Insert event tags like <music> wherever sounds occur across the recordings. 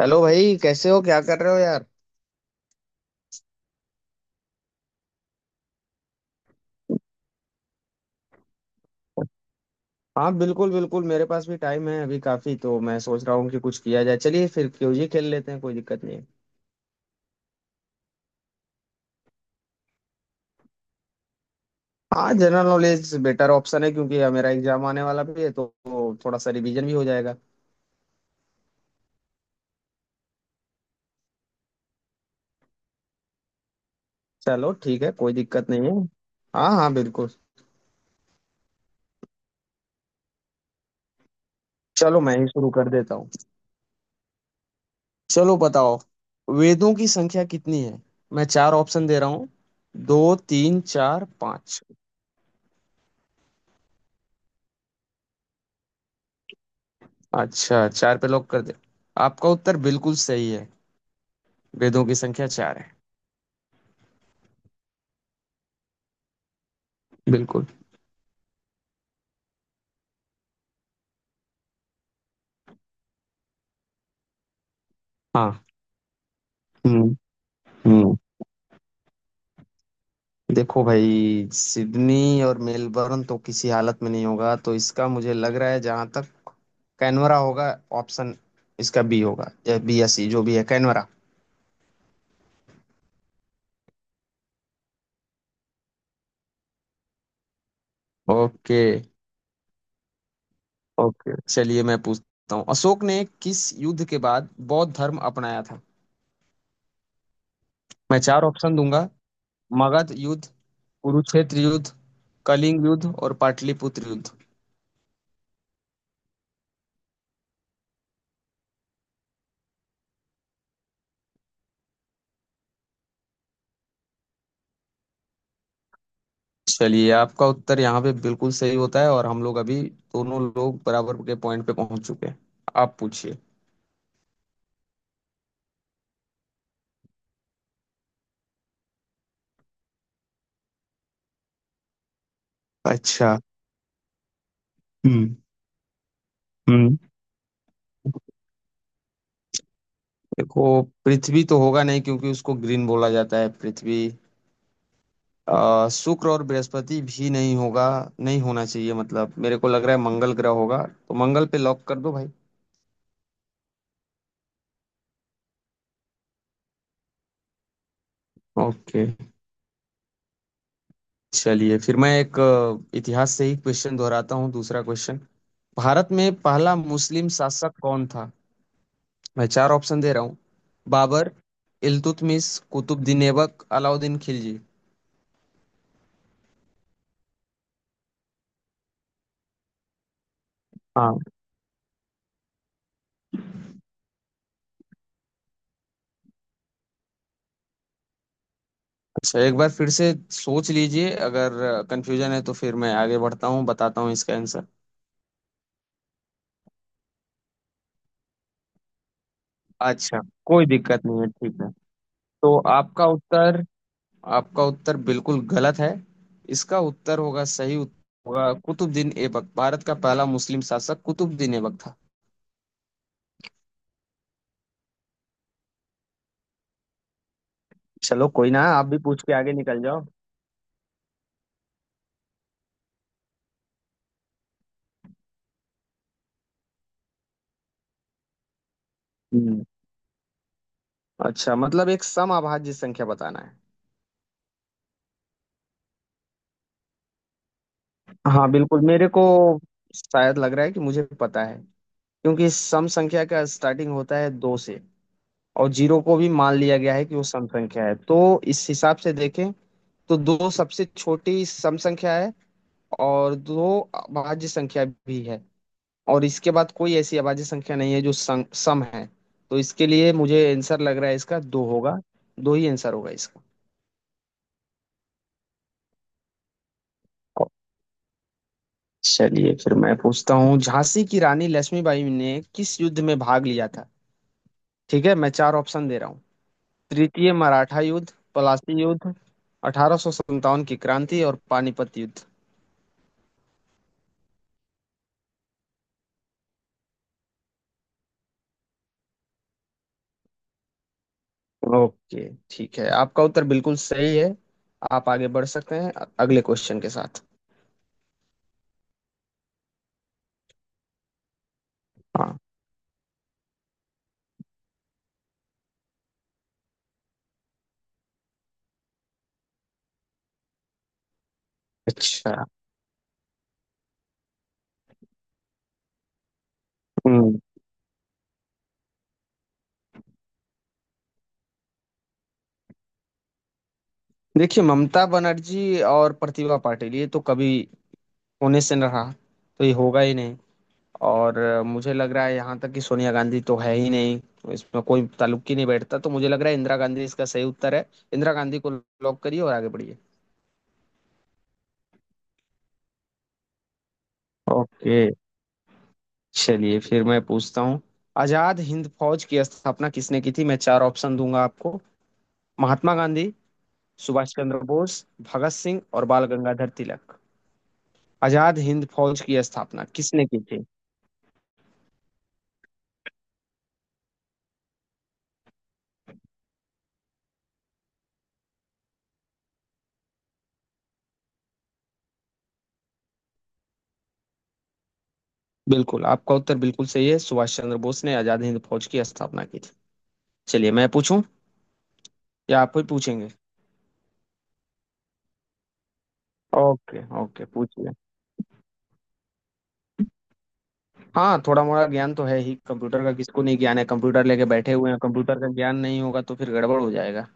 Hello भाई, कैसे हो? क्या कर रहे हो यार? हाँ बिल्कुल बिल्कुल, मेरे पास भी टाइम है अभी काफी, तो मैं सोच रहा हूँ कि कुछ किया जाए। चलिए फिर क्यूजी खेल लेते हैं, कोई दिक्कत नहीं है। हाँ, जनरल नॉलेज बेटर ऑप्शन है, क्योंकि यार मेरा एग्जाम आने वाला भी है, तो थोड़ा सा रिवीजन भी हो जाएगा। चलो ठीक है, कोई दिक्कत नहीं है। हाँ हाँ, बिल्कुल। चलो मैं ही शुरू कर देता हूँ। चलो बताओ, वेदों की संख्या कितनी है? मैं चार ऑप्शन दे रहा हूँ। दो, तीन, चार, पाँच। अच्छा, चार पे लॉक कर दे। आपका उत्तर बिल्कुल सही है। वेदों की संख्या चार है। बिल्कुल। हाँ। हम्म हम्म। देखो भाई, सिडनी और मेलबर्न तो किसी हालत में नहीं होगा। तो इसका मुझे लग रहा है, जहां तक कैनवरा होगा। ऑप्शन इसका बी होगा, या बी या सी, जो भी है, कैनवरा। ओके। ओके, चलिए मैं पूछता हूँ, अशोक ने किस युद्ध के बाद बौद्ध धर्म अपनाया था? मैं चार ऑप्शन दूंगा। मगध युद्ध, कुरुक्षेत्र युद्ध, कलिंग युद्ध और पाटलिपुत्र युद्ध। चलिए आपका उत्तर यहाँ पे बिल्कुल सही होता है, और हम लोग अभी दोनों लोग बराबर के पॉइंट पे पहुंच चुके हैं। आप पूछिए। अच्छा। हम्म हम्म। देखो, पृथ्वी तो होगा नहीं, क्योंकि उसको ग्रीन बोला जाता है पृथ्वी। शुक्र और बृहस्पति भी नहीं होगा। नहीं होना चाहिए, मतलब मेरे को लग रहा है मंगल ग्रह होगा। तो मंगल पे लॉक कर दो भाई। ओके, चलिए फिर मैं एक इतिहास से ही क्वेश्चन दोहराता हूँ, दूसरा क्वेश्चन। भारत में पहला मुस्लिम शासक कौन था? मैं चार ऑप्शन दे रहा हूँ। बाबर, इल्तुतमिश, कुतुबुद्दीन ऐबक, अलाउद्दीन खिलजी। हाँ। अच्छा, एक बार फिर से सोच लीजिए। अगर कंफ्यूजन है तो फिर मैं आगे बढ़ता हूँ, बताता हूँ इसका आंसर। अच्छा, कोई दिक्कत नहीं है, ठीक है। तो आपका उत्तर आपका उत्तर बिल्कुल गलत है। इसका उत्तर होगा, सही उत्तर होगा कुतुबुद्दीन ऐबक। भारत का पहला मुस्लिम शासक कुतुबुद्दीन ऐबक था। चलो कोई ना, आप भी पूछ के आगे निकल जाओ। हम्म। अच्छा, मतलब एक समअभाज्य संख्या बताना है। हाँ बिल्कुल, मेरे को शायद लग रहा है कि मुझे पता है। क्योंकि सम संख्या का स्टार्टिंग होता है दो से, और जीरो को भी मान लिया गया है कि वो सम संख्या है। तो इस हिसाब से देखें तो दो सबसे छोटी सम संख्या है, और दो अभाज्य संख्या भी है। और इसके बाद कोई ऐसी अभाज्य संख्या नहीं है जो सम है। तो इसके लिए मुझे आंसर लग रहा है, इसका दो होगा। दो ही आंसर होगा इसका। चलिए फिर मैं पूछता हूँ, झांसी की रानी लक्ष्मीबाई ने किस युद्ध में भाग लिया था? ठीक है, मैं चार ऑप्शन दे रहा हूँ। तृतीय मराठा युद्ध, पलासी युद्ध, 1857 की क्रांति और पानीपत युद्ध। ओके ठीक है, आपका उत्तर बिल्कुल सही है। आप आगे बढ़ सकते हैं अगले क्वेश्चन के साथ। हाँ। अच्छा। हम्म। देखिए, ममता बनर्जी और प्रतिभा पाटिल, ये तो कभी होने से न रहा, तो ये होगा ही नहीं। और मुझे लग रहा है यहाँ तक कि सोनिया गांधी तो है ही नहीं, तो इसमें कोई ताल्लुक ही नहीं बैठता। तो मुझे लग रहा है इंदिरा गांधी इसका सही उत्तर है। इंदिरा गांधी को लॉक करिए और आगे बढ़िए। ओके, चलिए फिर मैं पूछता हूँ, आजाद हिंद फौज की स्थापना किसने की थी? मैं चार ऑप्शन दूंगा आपको। महात्मा गांधी, सुभाष चंद्र बोस, भगत सिंह और बाल गंगाधर तिलक। आजाद हिंद फौज की स्थापना किसने की थी? बिल्कुल, आपका उत्तर बिल्कुल सही है। सुभाष चंद्र बोस ने आजाद हिंद फौज की स्थापना की थी। चलिए, मैं पूछूं या आप ही पूछेंगे? ओके ओके, पूछिए। हाँ, थोड़ा मोड़ा ज्ञान तो है ही कंप्यूटर का। किसको नहीं ज्ञान है, कंप्यूटर लेके बैठे हुए हैं, कंप्यूटर का ज्ञान नहीं होगा तो फिर गड़बड़ हो जाएगा।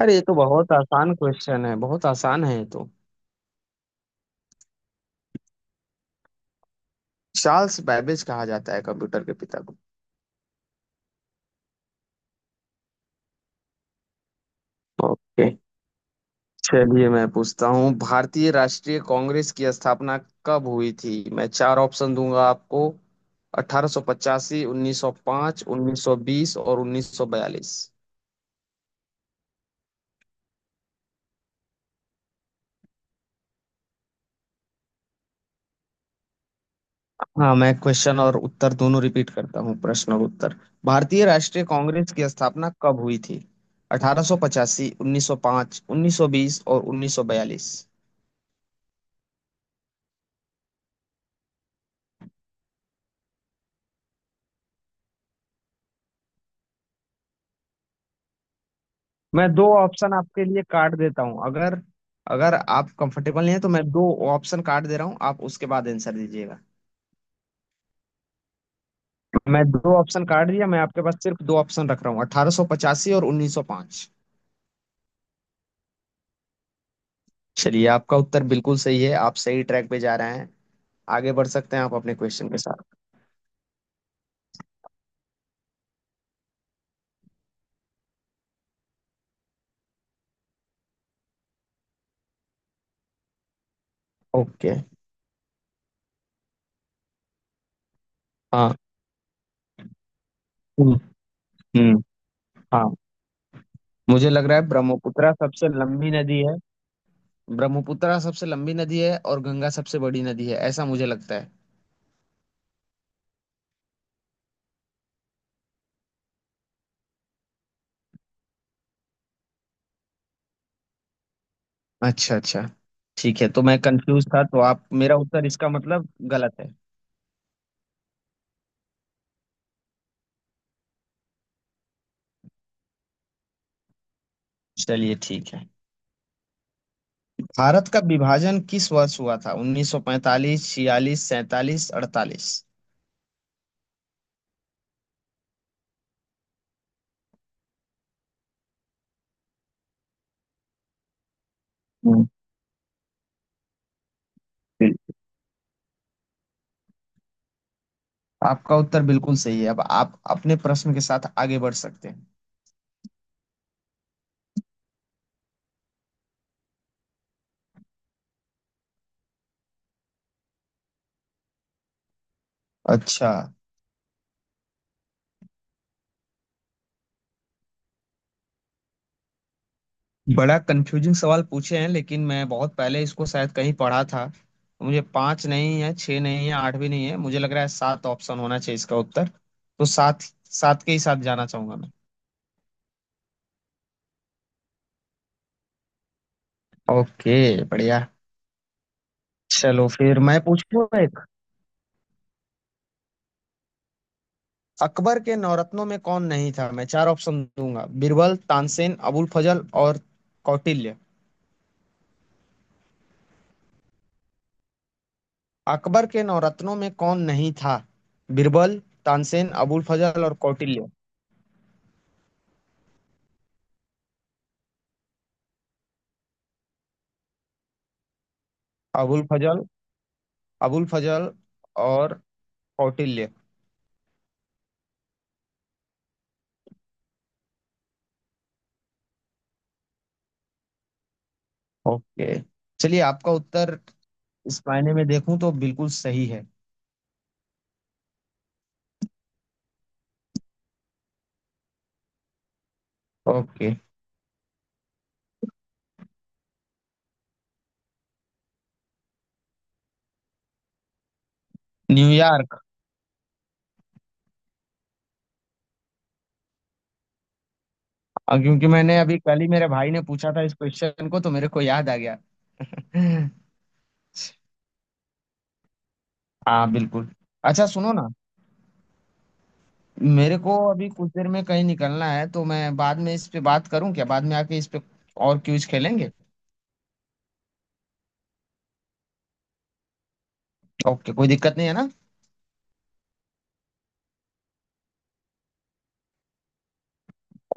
अरे, ये तो बहुत आसान क्वेश्चन है, बहुत आसान है ये तो। चार्ल्स बैबेज कहा जाता है कंप्यूटर के पिता को। ओके, चलिए मैं पूछता हूँ, भारतीय राष्ट्रीय कांग्रेस की स्थापना कब हुई थी? मैं चार ऑप्शन दूंगा आपको। 1885, 1905, 1920 और 1942। हाँ, मैं क्वेश्चन और उत्तर दोनों रिपीट करता हूँ, प्रश्न और उत्तर। भारतीय राष्ट्रीय कांग्रेस की स्थापना कब हुई थी? 1885, 1905, 1920 और 1942। मैं दो ऑप्शन आपके लिए काट देता हूँ, अगर अगर आप कंफर्टेबल नहीं है तो मैं दो ऑप्शन काट दे रहा हूँ, आप उसके बाद आंसर दीजिएगा। मैं दो ऑप्शन काट दिया, मैं आपके पास सिर्फ दो ऑप्शन रख रहा हूँ, 1885 और 1905। चलिए आपका उत्तर बिल्कुल सही है, आप सही ट्रैक पे जा रहे हैं। आगे बढ़ सकते हैं आप अपने क्वेश्चन के साथ। ओके। हाँ। हम्म। हम्म, हाँ, मुझे लग रहा है ब्रह्मपुत्र सबसे लंबी नदी है। ब्रह्मपुत्र सबसे लंबी नदी है और गंगा सबसे बड़ी नदी है, ऐसा मुझे लगता है। अच्छा अच्छा, ठीक है। तो मैं कंफ्यूज था, तो आप, मेरा उत्तर इसका मतलब गलत है। चलिए ठीक है। भारत का विभाजन किस वर्ष हुआ था? 1945, 46, 47, 48। हम्म, बिल- आपका उत्तर बिल्कुल सही है। अब आप अपने प्रश्न के साथ आगे बढ़ सकते हैं। अच्छा, बड़ा कंफ्यूजिंग सवाल पूछे हैं, लेकिन मैं बहुत पहले इसको शायद कहीं पढ़ा था। मुझे पांच नहीं है, छह नहीं है, आठ भी नहीं है, मुझे लग रहा है सात ऑप्शन होना चाहिए इसका उत्तर। तो सात, सात के ही साथ जाना चाहूंगा। ओके बढ़िया। चलो फिर मैं पूछूं एक, अकबर के नवरत्नों में कौन नहीं था? मैं चार ऑप्शन दूंगा। बीरबल, तानसेन, अबुल फजल और कौटिल्य। अकबर के नवरत्नों में कौन नहीं था? बीरबल, तानसेन। अबुल फजल और कौटिल्य। अबुल फजल। अबुल फजल और कौटिल्य। ओके, चलिए आपका उत्तर इस मायने में देखूं तो बिल्कुल सही है। ओके। न्यूयॉर्क। क्योंकि मैंने अभी कल ही, मेरे भाई ने पूछा था इस क्वेश्चन को तो मेरे को याद आ गया। <laughs> हाँ बिल्कुल। अच्छा सुनो ना, मेरे को अभी कुछ देर में कहीं निकलना है। तो मैं बाद में इस पे बात करूं क्या? बाद में आके इस पे और क्विज खेलेंगे। ओके, कोई दिक्कत नहीं है ना?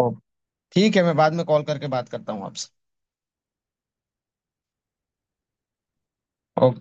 ओके, ठीक है, मैं बाद में कॉल करके बात करता हूँ आपसे। ओके।